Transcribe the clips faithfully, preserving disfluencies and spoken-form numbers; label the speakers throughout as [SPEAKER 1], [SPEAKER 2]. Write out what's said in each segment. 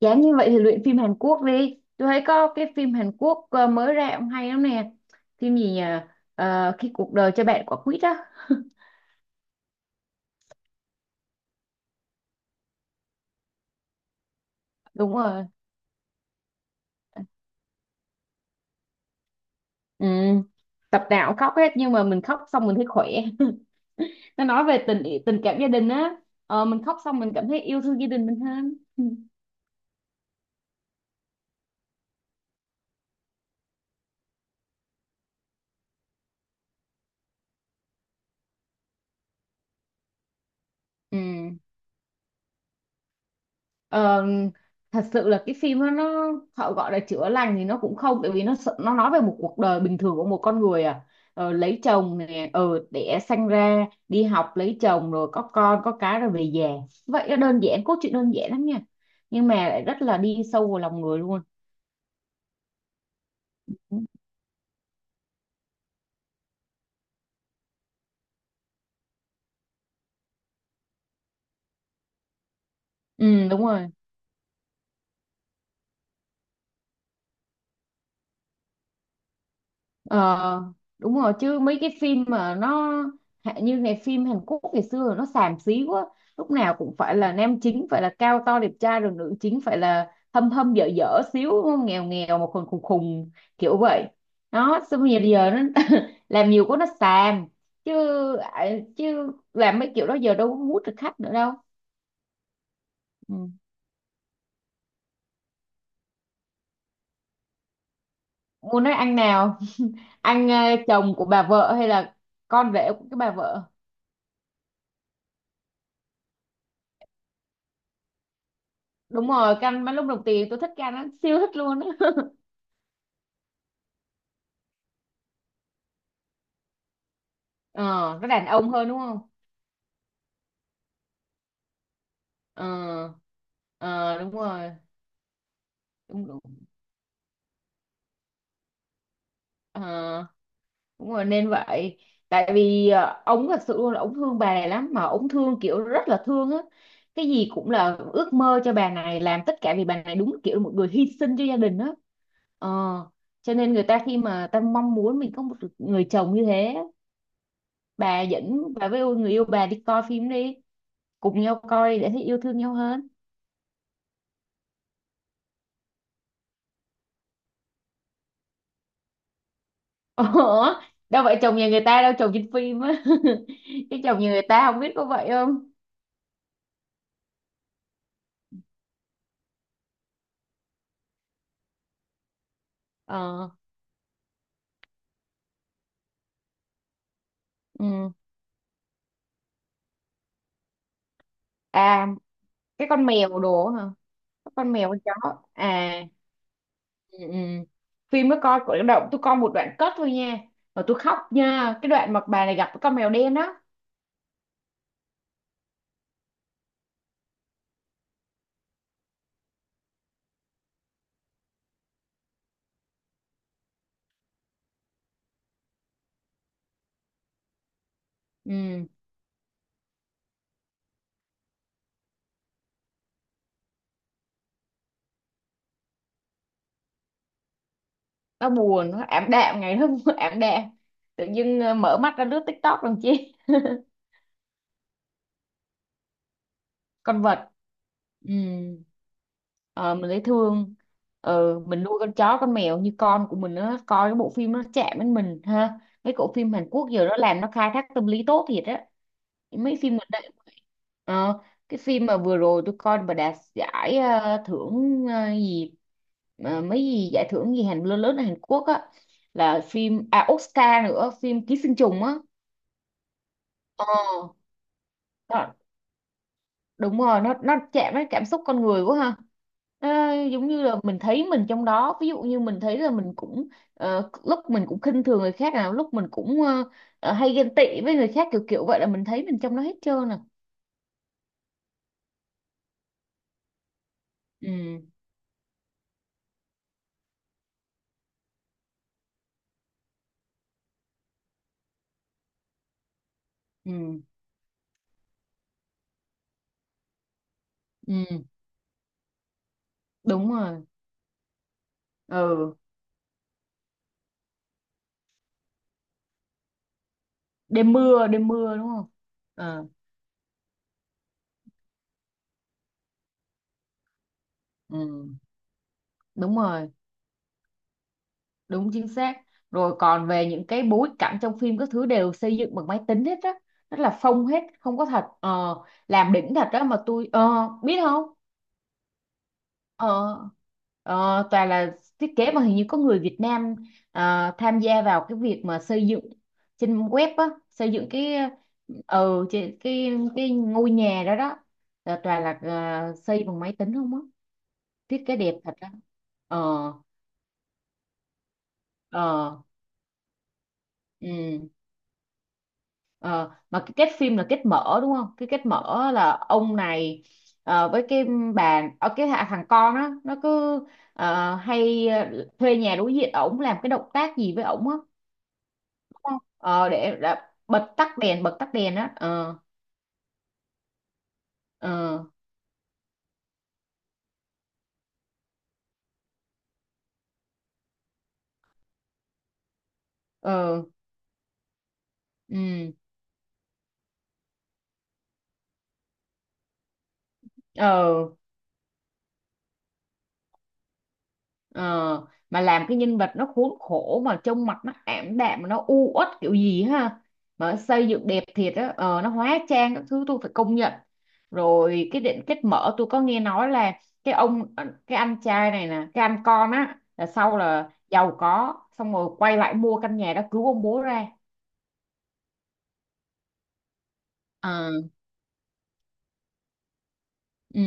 [SPEAKER 1] Dám như vậy thì luyện phim Hàn Quốc đi. Tôi thấy có cái phim Hàn Quốc ờ, mới ra cũng hay lắm nè. Phim gì nhỉ? Ờ, khi cuộc đời cho bạn quả quýt á. Đúng rồi. Ừ. Tập nào cũng khóc hết nhưng mà mình khóc xong mình thấy khỏe. Nó nói về tình tình cảm gia đình á. Ờ, mình khóc xong mình cảm thấy yêu thương gia đình mình hơn. Ừ. Ờ, thật sự là cái phim đó nó họ gọi là chữa lành thì nó cũng không, tại vì nó sự- nó nói về một cuộc đời bình thường của một con người à, ờ, lấy chồng nè, ờ đẻ sanh ra, đi học, lấy chồng rồi có con có cái rồi về già. Vậy nó đơn giản, cốt truyện đơn giản lắm nha, nhưng mà lại rất là đi sâu vào lòng người luôn. Ừ, đúng rồi. Ờ, đúng rồi, chứ mấy cái phim mà nó hạ- như ngày phim Hàn Quốc ngày xưa nó xàm xí quá, lúc nào cũng phải là nam chính phải là cao to đẹp trai, rồi nữ chính phải là hâm hâm dở dở xíu đúng không? Nghèo nghèo mà khùng khùng khùng kiểu vậy đó. Xong bây giờ giờ nó làm nhiều quá nó xàm chứ. À, chứ làm mấy kiểu đó giờ đâu có hút được khách nữa đâu. Ừ. Muốn nói ăn nào? Ăn ờ, chồng của bà vợ hay là con rể của cái bà vợ? Đúng rồi, canh bánh lúc đồng tiền tôi thích canh lắm, siêu thích luôn. Ờ, nó đàn ông hơn đúng không? Ờ, ờ, đúng rồi. Đúng đúng. Ờ, đúng rồi nên vậy. Tại vì ờ, ông thật sự luôn là ông thương bà này lắm, mà ông thương kiểu rất là thương á. Cái gì cũng là ước mơ cho bà này, làm tất cả vì bà này, đúng kiểu một người hy sinh cho gia đình á. Ờ, cho nên người ta khi mà ta mong muốn mình có một người chồng như thế. Bà dẫn bà với người yêu bà đi coi phim đi, cùng nhau coi để thấy yêu thương nhau hơn. Ủa, đâu phải chồng nhà người ta đâu, chồng trên phim á. Cái chồng nhà người ta không biết có vậy không? Ờ, ừ. À, cái con mèo đồ hả? Có. Con mèo con chó. À, ừ, ừ. Phim mới coi của động tôi coi một đoạn cất thôi nha. Mà tôi khóc nha, cái đoạn mà bà này gặp cái con mèo đen đó. Ừ, nó buồn, nó ảm đạm ngày hôm ảm đạm. Tự dưng ờ, mở mắt ra lướt TikTok làm chi. Con vật, ừ. Ờ, mình dễ thương. Ờ, mình nuôi con chó con mèo như con của mình, nó coi cái bộ phim nó chạm đến mình ha. Mấy bộ phim Hàn Quốc giờ nó làm nó khai thác tâm lý tốt thiệt á, mấy phim gần đây. Ờ, cái phim mà vừa rồi tôi coi mà đạt giải ờ, thưởng ờ, gì mà mấy gì giải thưởng gì Hàn lớn lớn ở Hàn Quốc á, là phim à Oscar nữa, phim Ký sinh trùng á. Ờ, đúng rồi, nó nó chạm đến cảm xúc con người quá ha. Nó giống như là mình thấy mình trong đó, ví dụ như mình thấy là mình cũng ờ, lúc mình cũng khinh thường người khác, nào lúc mình cũng ờ, ờ, hay ghen tị với người khác kiểu kiểu vậy, là mình thấy mình trong đó hết trơn à. Ừ. Ừ. Ừ. Đúng rồi. Ừ. Đêm mưa, đêm mưa đúng không? Ờ. Ừ, đúng rồi. Đúng chính xác. Rồi còn về những cái bối cảnh trong phim các thứ đều xây dựng bằng máy tính hết á, rất là phông hết, không có thật. ờ, làm đỉnh thật đó mà tôi ờ, biết không. Ờ, ờ, toàn là thiết kế mà hình như có người Việt Nam à, tham gia vào cái việc mà xây dựng trên web á, xây dựng cái ờ trên cái cái ngôi nhà đó đó, là toàn là à, xây bằng máy tính không á. Thiết kế đẹp thật đó. Ờ. Ờ. Ừ. Ờ, mà cái kết phim là kết mở đúng không? Cái kết mở là ông này ờ, với cái bà ở cái hạ- thằng con á, nó cứ ờ, hay ờ, thuê nhà đối diện ổng, làm cái động tác gì với ổng á đúng không? Ờ, để, đã bật tắt đèn, bật tắt đèn á. Ờ. Ờ. Ờ. Ừ. Ờ. Ờ, mà làm cái nhân vật nó khốn khổ mà trông mặt nó ảm đạm mà nó u uất kiểu gì ha. Mà nó xây dựng đẹp thiệt á, ờ, nó hóa trang các thứ tôi phải công nhận. Rồi cái định kết mở tôi có nghe nói là cái ông ờ, cái anh trai này nè, cái anh con á là sau là giàu có xong rồi quay lại mua căn nhà đó cứu ông bố ra. Ờ, ừ.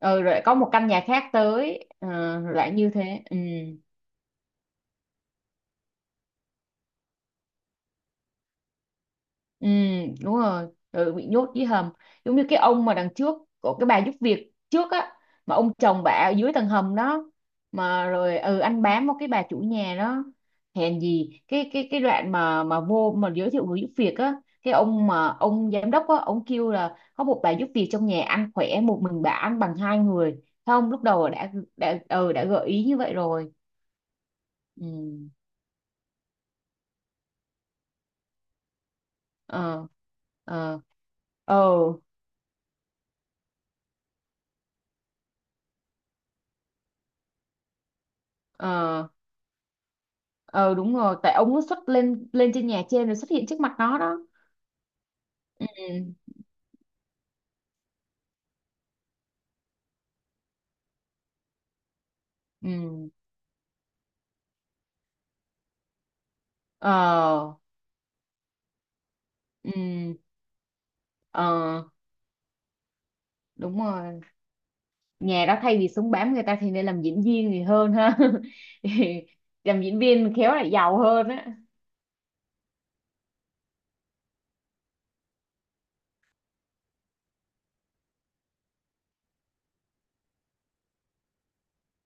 [SPEAKER 1] Ừ, rồi có một căn nhà khác tới ờ, lại như thế. Ừ. Ừ, đúng rồi, ừ, bị nhốt dưới hầm. Giống như cái ông mà đằng trước của cái bà giúp việc trước á, mà ông chồng bà ở dưới tầng hầm đó, mà rồi ừ anh bám vào cái bà chủ nhà đó. Hèn gì cái cái cái đoạn mà mà vô mà giới thiệu người giúp việc á, cái ông mà ông giám đốc á, ông kêu là có một bà giúp việc trong nhà ăn khỏe, một mình bà ăn bằng hai người. Thấy không, lúc đầu đã đã ừ, đã gợi ý như vậy rồi. Ừ. Ờ. Ờ. Ờ. Ờ. Ờ, đúng rồi, tại ông nó xuất lên lên trên nhà trên rồi xuất hiện trước mặt nó đó. Ừ. Ừ. Ờ. Ừ. Ờ. đúng rồi, nhà đó thay vì súng bám người ta thì nên làm diễn viên thì hơn ha. Thì làm diễn viên khéo lại giàu hơn.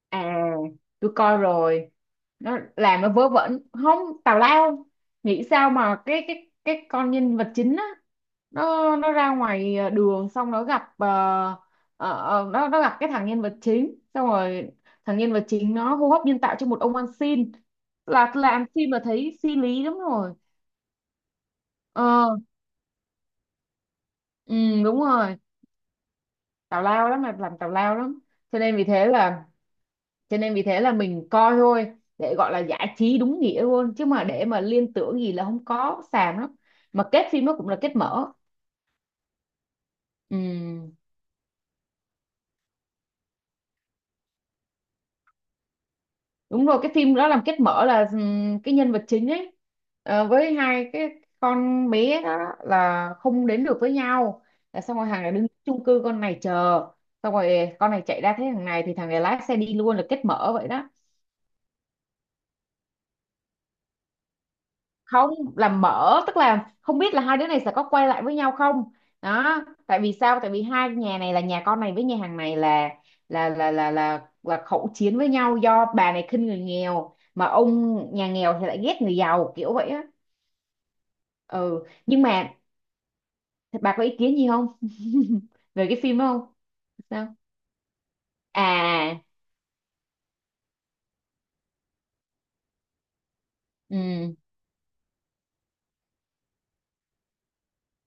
[SPEAKER 1] À, tôi coi rồi. Nó làm nó vớ vẩn, không, tào lao. Nghĩ sao mà cái cái cái con nhân vật chính á, nó nó ra ngoài ờ, đường xong nó gặp ờ, ờ, ờ, nó nó gặp cái thằng nhân vật chính, xong rồi thằng nhân vật chính nó hô hấp nhân tạo cho một ông ăn xin, là làm phim mà thấy phi lý lắm rồi. Ờ. Ừ, đúng rồi, tào lao lắm, là làm tào lao lắm, cho nên vì thế là cho nên vì thế là mình coi thôi, để gọi là giải trí đúng nghĩa luôn, chứ mà để mà liên tưởng gì là không có, xàm lắm. Mà kết phim nó cũng là kết mở. Ừm, đúng rồi, cái phim đó làm kết mở là ừm, cái nhân vật chính ấy ờ, với hai cái con bé đó là không đến được với nhau, là xong rồi hàng này đứng chung cư con này chờ, xong rồi con này chạy ra thấy thằng này thì thằng này lái xe đi luôn, là kết mở vậy đó. Không, là mở tức là không biết là hai đứa này sẽ có quay lại với nhau không. Đó, tại vì sao, tại vì hai nhà này là nhà con này với nhà hàng này là là là là là là khẩu chiến với nhau, do bà này khinh người nghèo mà ông nhà nghèo thì lại ghét người giàu kiểu vậy á. Ừ, nhưng mà bà có ý kiến gì không về cái phim đó không? Sao? À. Ừ.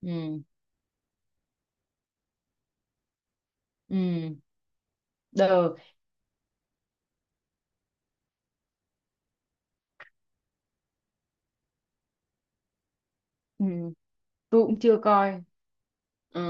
[SPEAKER 1] Ừ. Ừ. Được. Ừ. Ừ, tôi cũng chưa coi. Ừ.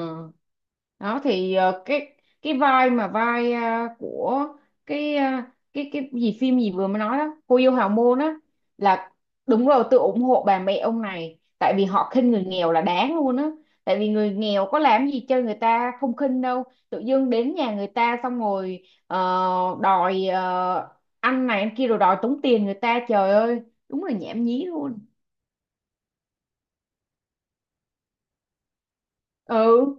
[SPEAKER 1] Đó thì ờ, cái cái vai mà vai ờ, của cái ờ, cái cái gì phim gì vừa mới nói đó, cô dâu hào môn á, là, đúng rồi, tôi ủng hộ bà mẹ ông này tại vì họ khinh người nghèo là đáng luôn á. Tại vì người nghèo có làm gì cho người ta không khinh đâu, tự dưng đến nhà người ta xong rồi ờ, đòi ờ, ăn này ăn kia rồi đòi tống tiền người ta, trời ơi, đúng là nhảm nhí luôn. Ừ.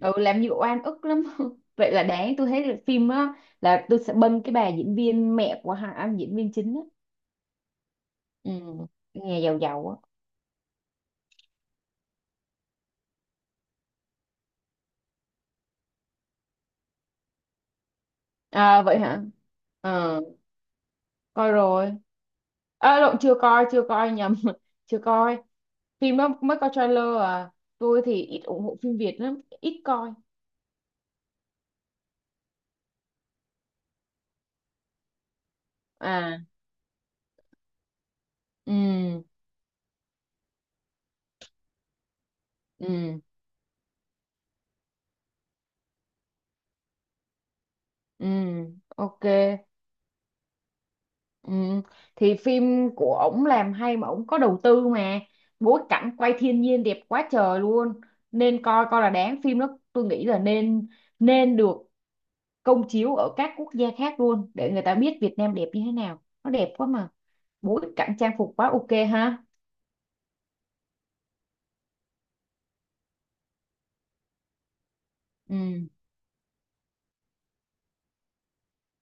[SPEAKER 1] Ừ, làm nhiều oan ức lắm. Vậy là đáng, tôi thấy là phim á, là tôi sẽ bênh cái bà diễn viên mẹ của hai anh diễn viên chính á. Ừ, nhà giàu giàu á. À vậy hả? Ờ, coi rồi. À, lộn, chưa coi, chưa coi, nhầm. Chưa coi, phim đó mới coi trailer à. Tôi thì ít ủng hộ phim Việt lắm, ít coi. À. Ừ. Ừ. Ừ. Ok. Ừ. Thì phim của ổng làm hay mà ổng có đầu tư mà, bối cảnh quay thiên nhiên đẹp quá trời luôn, nên coi, coi là đáng. Phim đó tôi nghĩ là nên, nên được công chiếu ở các quốc gia khác luôn để người ta biết Việt Nam đẹp như thế nào, nó đẹp quá mà, bối cảnh trang phục quá ok ha. Ừ.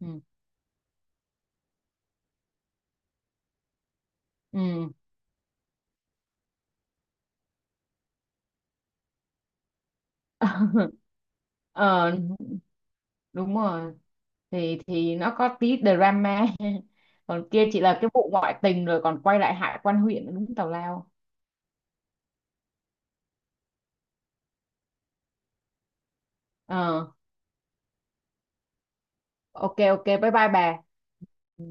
[SPEAKER 1] Ừ. Ừ. Ờ, đúng rồi, thì thì nó có tí drama. Còn kia chỉ là cái vụ ngoại tình rồi còn quay lại hại quan huyện, đúng tào lao. Ờ, ok ok, bye bye bà. Ừ.